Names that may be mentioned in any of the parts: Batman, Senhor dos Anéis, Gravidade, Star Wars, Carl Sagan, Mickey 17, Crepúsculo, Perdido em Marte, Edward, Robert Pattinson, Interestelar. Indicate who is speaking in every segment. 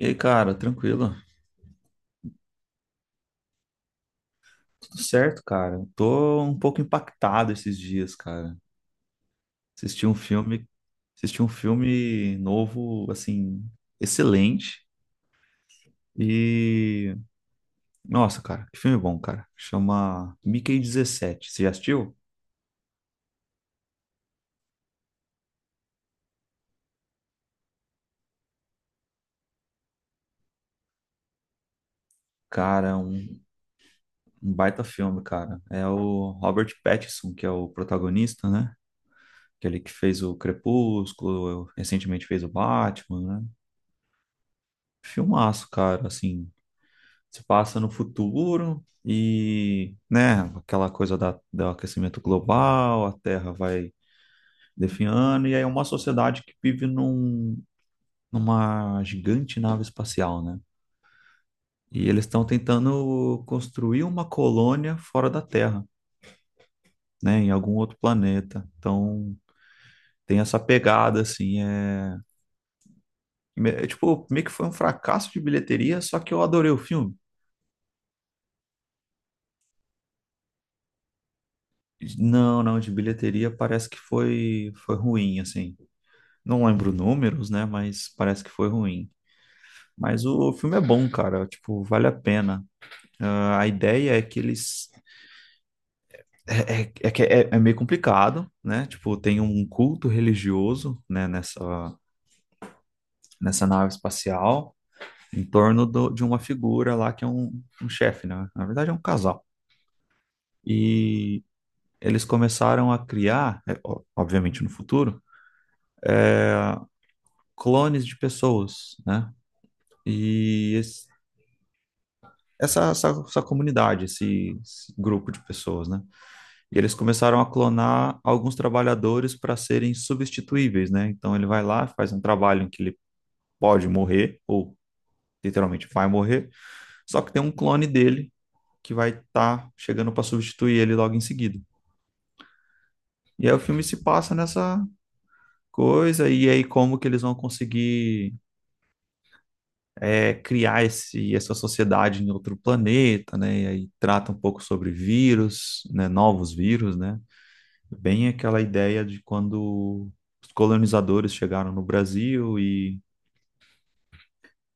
Speaker 1: E aí, cara, tranquilo? Tudo certo, cara. Tô um pouco impactado esses dias, cara. Assisti um filme, Assisti um filme novo, assim, excelente. E nossa, cara, que filme bom, cara. Chama Mickey 17. Você já assistiu? Cara, um baita filme, cara. É o Robert Pattinson que é o protagonista, né? Aquele que fez o Crepúsculo, recentemente fez o Batman, né? Filmaço, cara, assim. Se passa no futuro e, né, aquela coisa do aquecimento global. A Terra vai definhando, e aí é uma sociedade que vive numa gigante nave espacial, né? E eles estão tentando construir uma colônia fora da Terra, né, em algum outro planeta. Então, tem essa pegada, assim, é tipo, meio que foi um fracasso de bilheteria, só que eu adorei o filme. Não, não, de bilheteria parece que foi ruim, assim. Não lembro números, né? Mas parece que foi ruim. Mas o filme é bom, cara. Tipo, vale a pena. Ah, a ideia é que eles. É que é meio complicado, né? Tipo, tem um culto religioso, né, nessa nave espacial, em torno de uma figura lá que é um chefe, né? Na verdade, é um casal. E eles começaram a criar, obviamente no futuro, clones de pessoas, né? E esse- essa comunidade, esse grupo de pessoas, né? E eles começaram a clonar alguns trabalhadores para serem substituíveis, né? Então ele vai lá, faz um trabalho em que ele pode morrer, ou literalmente vai morrer, só que tem um clone dele que vai estar tá chegando para substituir ele logo em seguida. E aí o filme se passa nessa coisa, e aí como que eles vão conseguir criar essa sociedade em outro planeta, né? E aí trata um pouco sobre vírus, né? Novos vírus, né? Bem aquela ideia de quando os colonizadores chegaram no Brasil e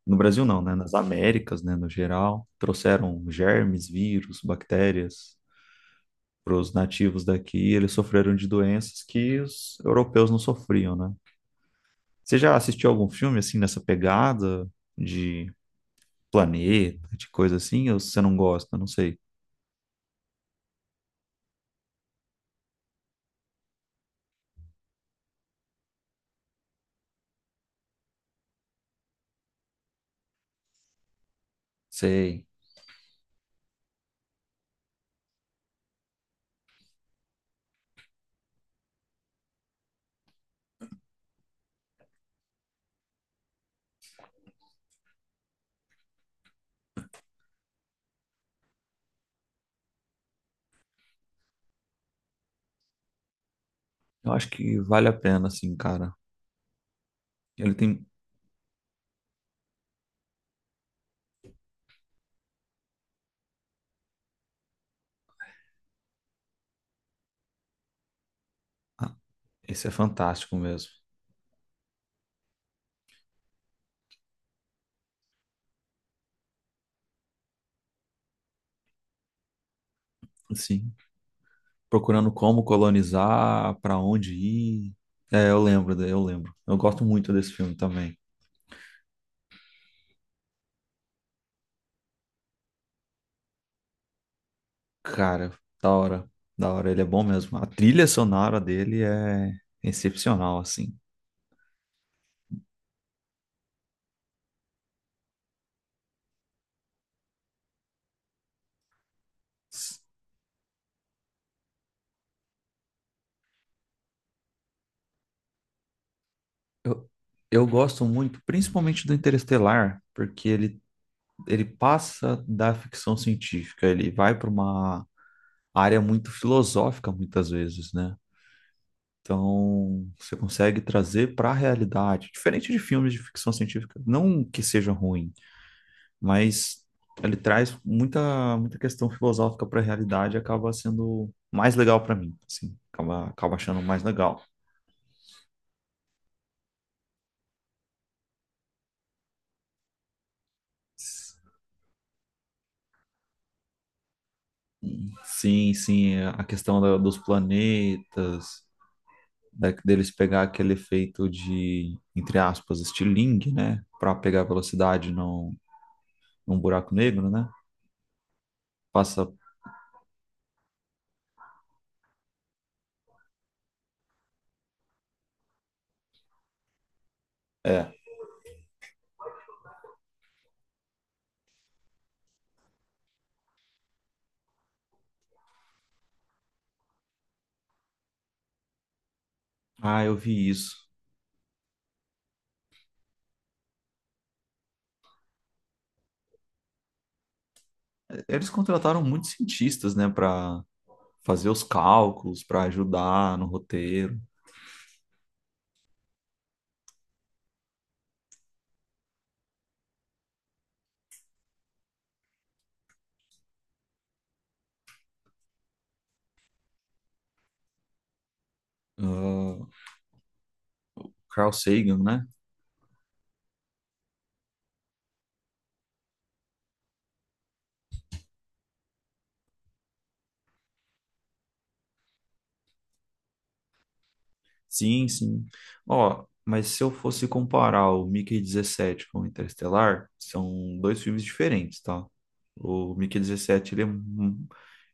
Speaker 1: no Brasil não, né, nas Américas, né, no geral, trouxeram germes, vírus, bactérias para os nativos daqui, e eles sofreram de doenças que os europeus não sofriam, né? Você já assistiu algum filme assim nessa pegada de planeta, de coisa assim, ou você não gosta? Não sei. Sei. Eu acho que vale a pena, assim, cara. Ele tem. Ah, esse é fantástico mesmo. Sim. Procurando como colonizar, pra onde ir. É, eu lembro. Eu gosto muito desse filme também. Cara, da hora, da hora, ele é bom mesmo. A trilha sonora dele é excepcional, assim. Eu, eu gosto muito, principalmente do Interestelar, porque ele passa da ficção científica, ele vai para uma área muito filosófica muitas vezes, né? Então, você consegue trazer para a realidade, diferente de filmes de ficção científica, não que seja ruim, mas ele traz muita questão filosófica para a realidade, e acaba sendo mais legal para mim, assim, acaba achando mais legal. Sim, sim, a questão dos planetas, deles pegar aquele efeito de, entre aspas, estilingue, né? Para pegar velocidade num buraco negro, né? Passa. É. Ah, eu vi isso. Eles contrataram muitos cientistas, né, para fazer os cálculos, para ajudar no roteiro. Ah, Carl Sagan, né? Sim, sim. Ó, mas se eu fosse comparar o Mickey 17 com o Interestelar, são dois filmes diferentes, tá? O Mickey 17,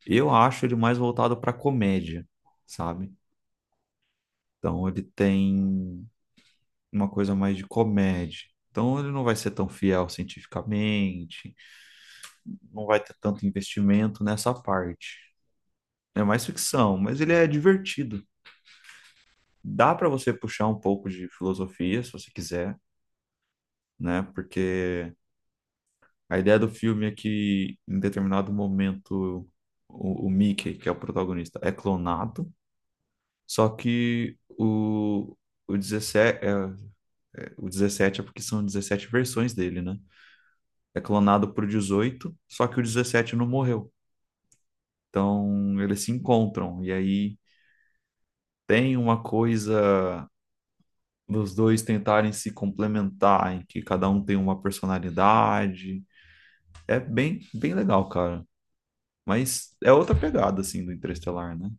Speaker 1: eu acho ele mais voltado para comédia, sabe? Então ele tem uma coisa mais de comédia. Então ele não vai ser tão fiel cientificamente. Não vai ter tanto investimento nessa parte. É mais ficção, mas ele é divertido. Dá para você puxar um pouco de filosofia, se você quiser, né? Porque a ideia do filme é que, em determinado momento, o Mickey, que é o protagonista, é clonado, só que o 17 o 17 é porque são 17 versões dele, né? É clonado por 18 só que o 17 não morreu. Então, eles se encontram, e aí tem uma coisa dos dois tentarem se complementar, em que cada um tem uma personalidade. É bem, bem legal, cara. Mas é outra pegada, assim, do Interestelar, né?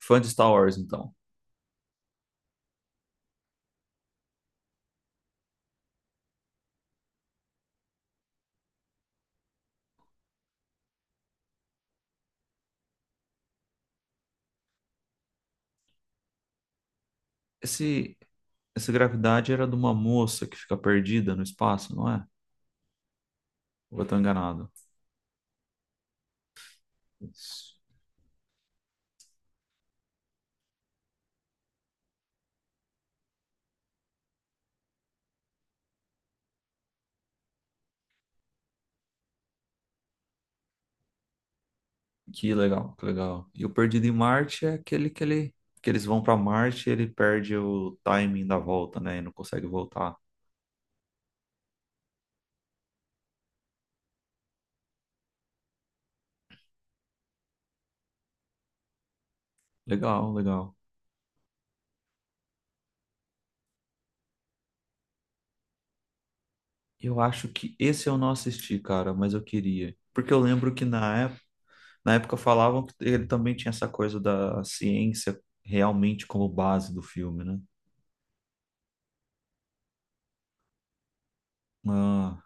Speaker 1: Fã de Star Wars, então. Esse, Essa gravidade era de uma moça que fica perdida no espaço, não é? Ou eu tô enganado? Isso. Que legal, que legal. E o Perdido em Marte é aquele que que eles vão pra Marte e ele perde o timing da volta, né? E não consegue voltar. Legal, legal. Eu acho que esse eu não assisti, cara, mas eu queria. Porque eu lembro que na época falavam que ele também tinha essa coisa da ciência realmente como base do filme, né? Ah,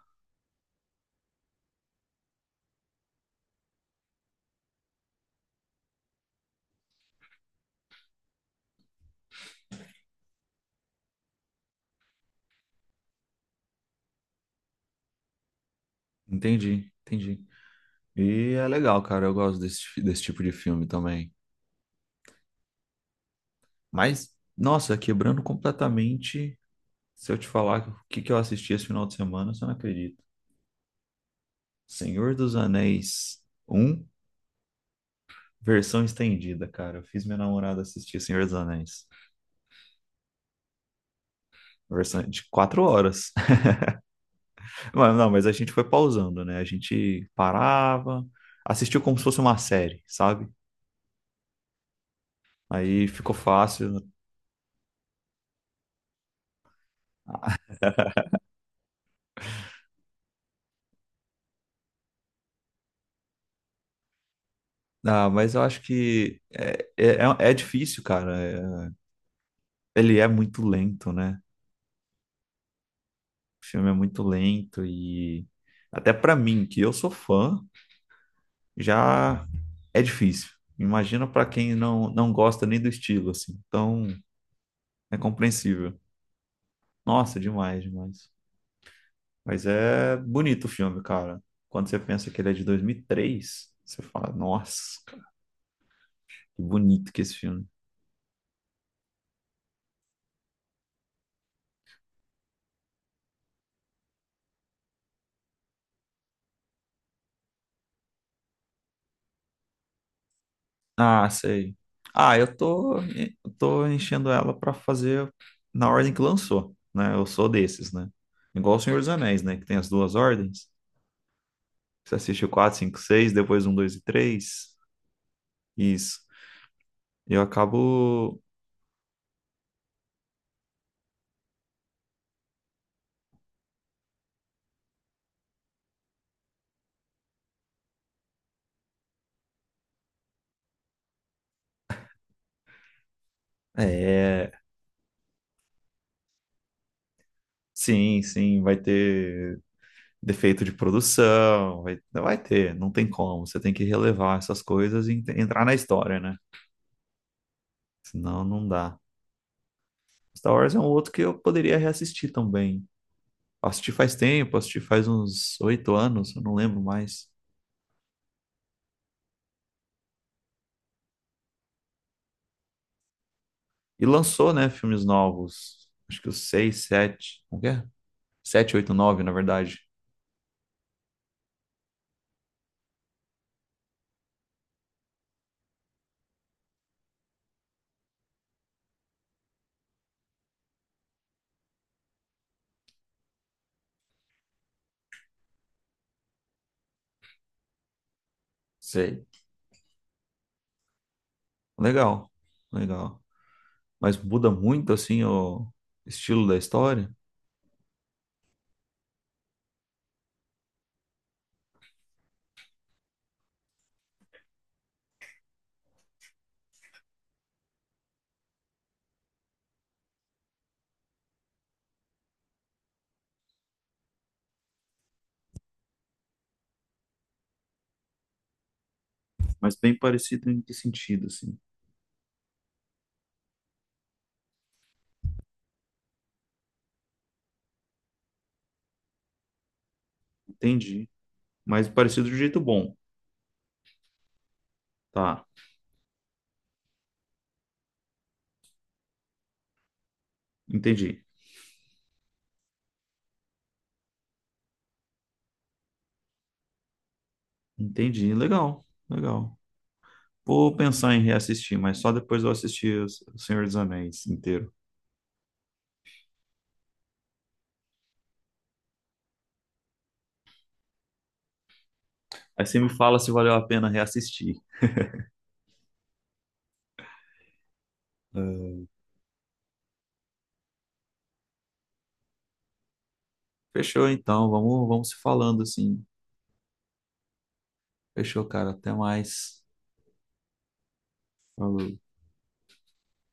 Speaker 1: entendi, entendi. E é legal, cara, eu gosto desse tipo de filme também. Mas, nossa, quebrando completamente, se eu te falar o que que eu assisti esse final de semana, você não acredita. Senhor dos Anéis um versão estendida, cara. Eu fiz minha namorada assistir Senhor dos Anéis. Versão de 4 horas. Mas, não, mas a gente foi pausando, né? A gente parava, assistiu como se fosse uma série, sabe? Aí ficou fácil. Ah, mas eu acho que é difícil, cara. Ele é muito lento, né? O filme é muito lento e até pra mim, que eu sou fã, já é difícil. Imagina pra quem não gosta nem do estilo, assim. Então, é compreensível. Nossa, demais, demais. Mas é bonito o filme, cara. Quando você pensa que ele é de 2003, você fala, nossa, que bonito que é esse filme. Ah, sei. Ah, eu tô enchendo ela pra fazer na ordem que lançou, né? Eu sou desses, né? Igual o Senhor dos Anéis, né? Que tem as duas ordens. Você assiste o 4, 5, 6, depois 1, 2 e 3. Isso. Eu acabo. É. Sim, sim, vai ter defeito de produção, vai ter, não tem como. Você tem que relevar essas coisas e entrar na história, né? Senão não dá. Star Wars é um outro que eu poderia reassistir também. Assisti faz tempo, assisti faz uns 8 anos, eu não lembro mais. E lançou, né, filmes novos. Acho que os 6, 7, como que é? 7, 8, 9, na verdade. Sei. Legal, legal. Mas muda muito, assim, o estilo da história, mas bem parecido em que sentido, assim. Entendi. Mas parecido de um jeito bom. Tá, entendi. Entendi. Legal, legal. Vou pensar em reassistir, mas só depois eu assistir o Senhor dos Anéis inteiro. Aí você me fala se valeu a pena reassistir. Fechou, então. Vamos se falando assim. Fechou, cara. Até mais. Falou.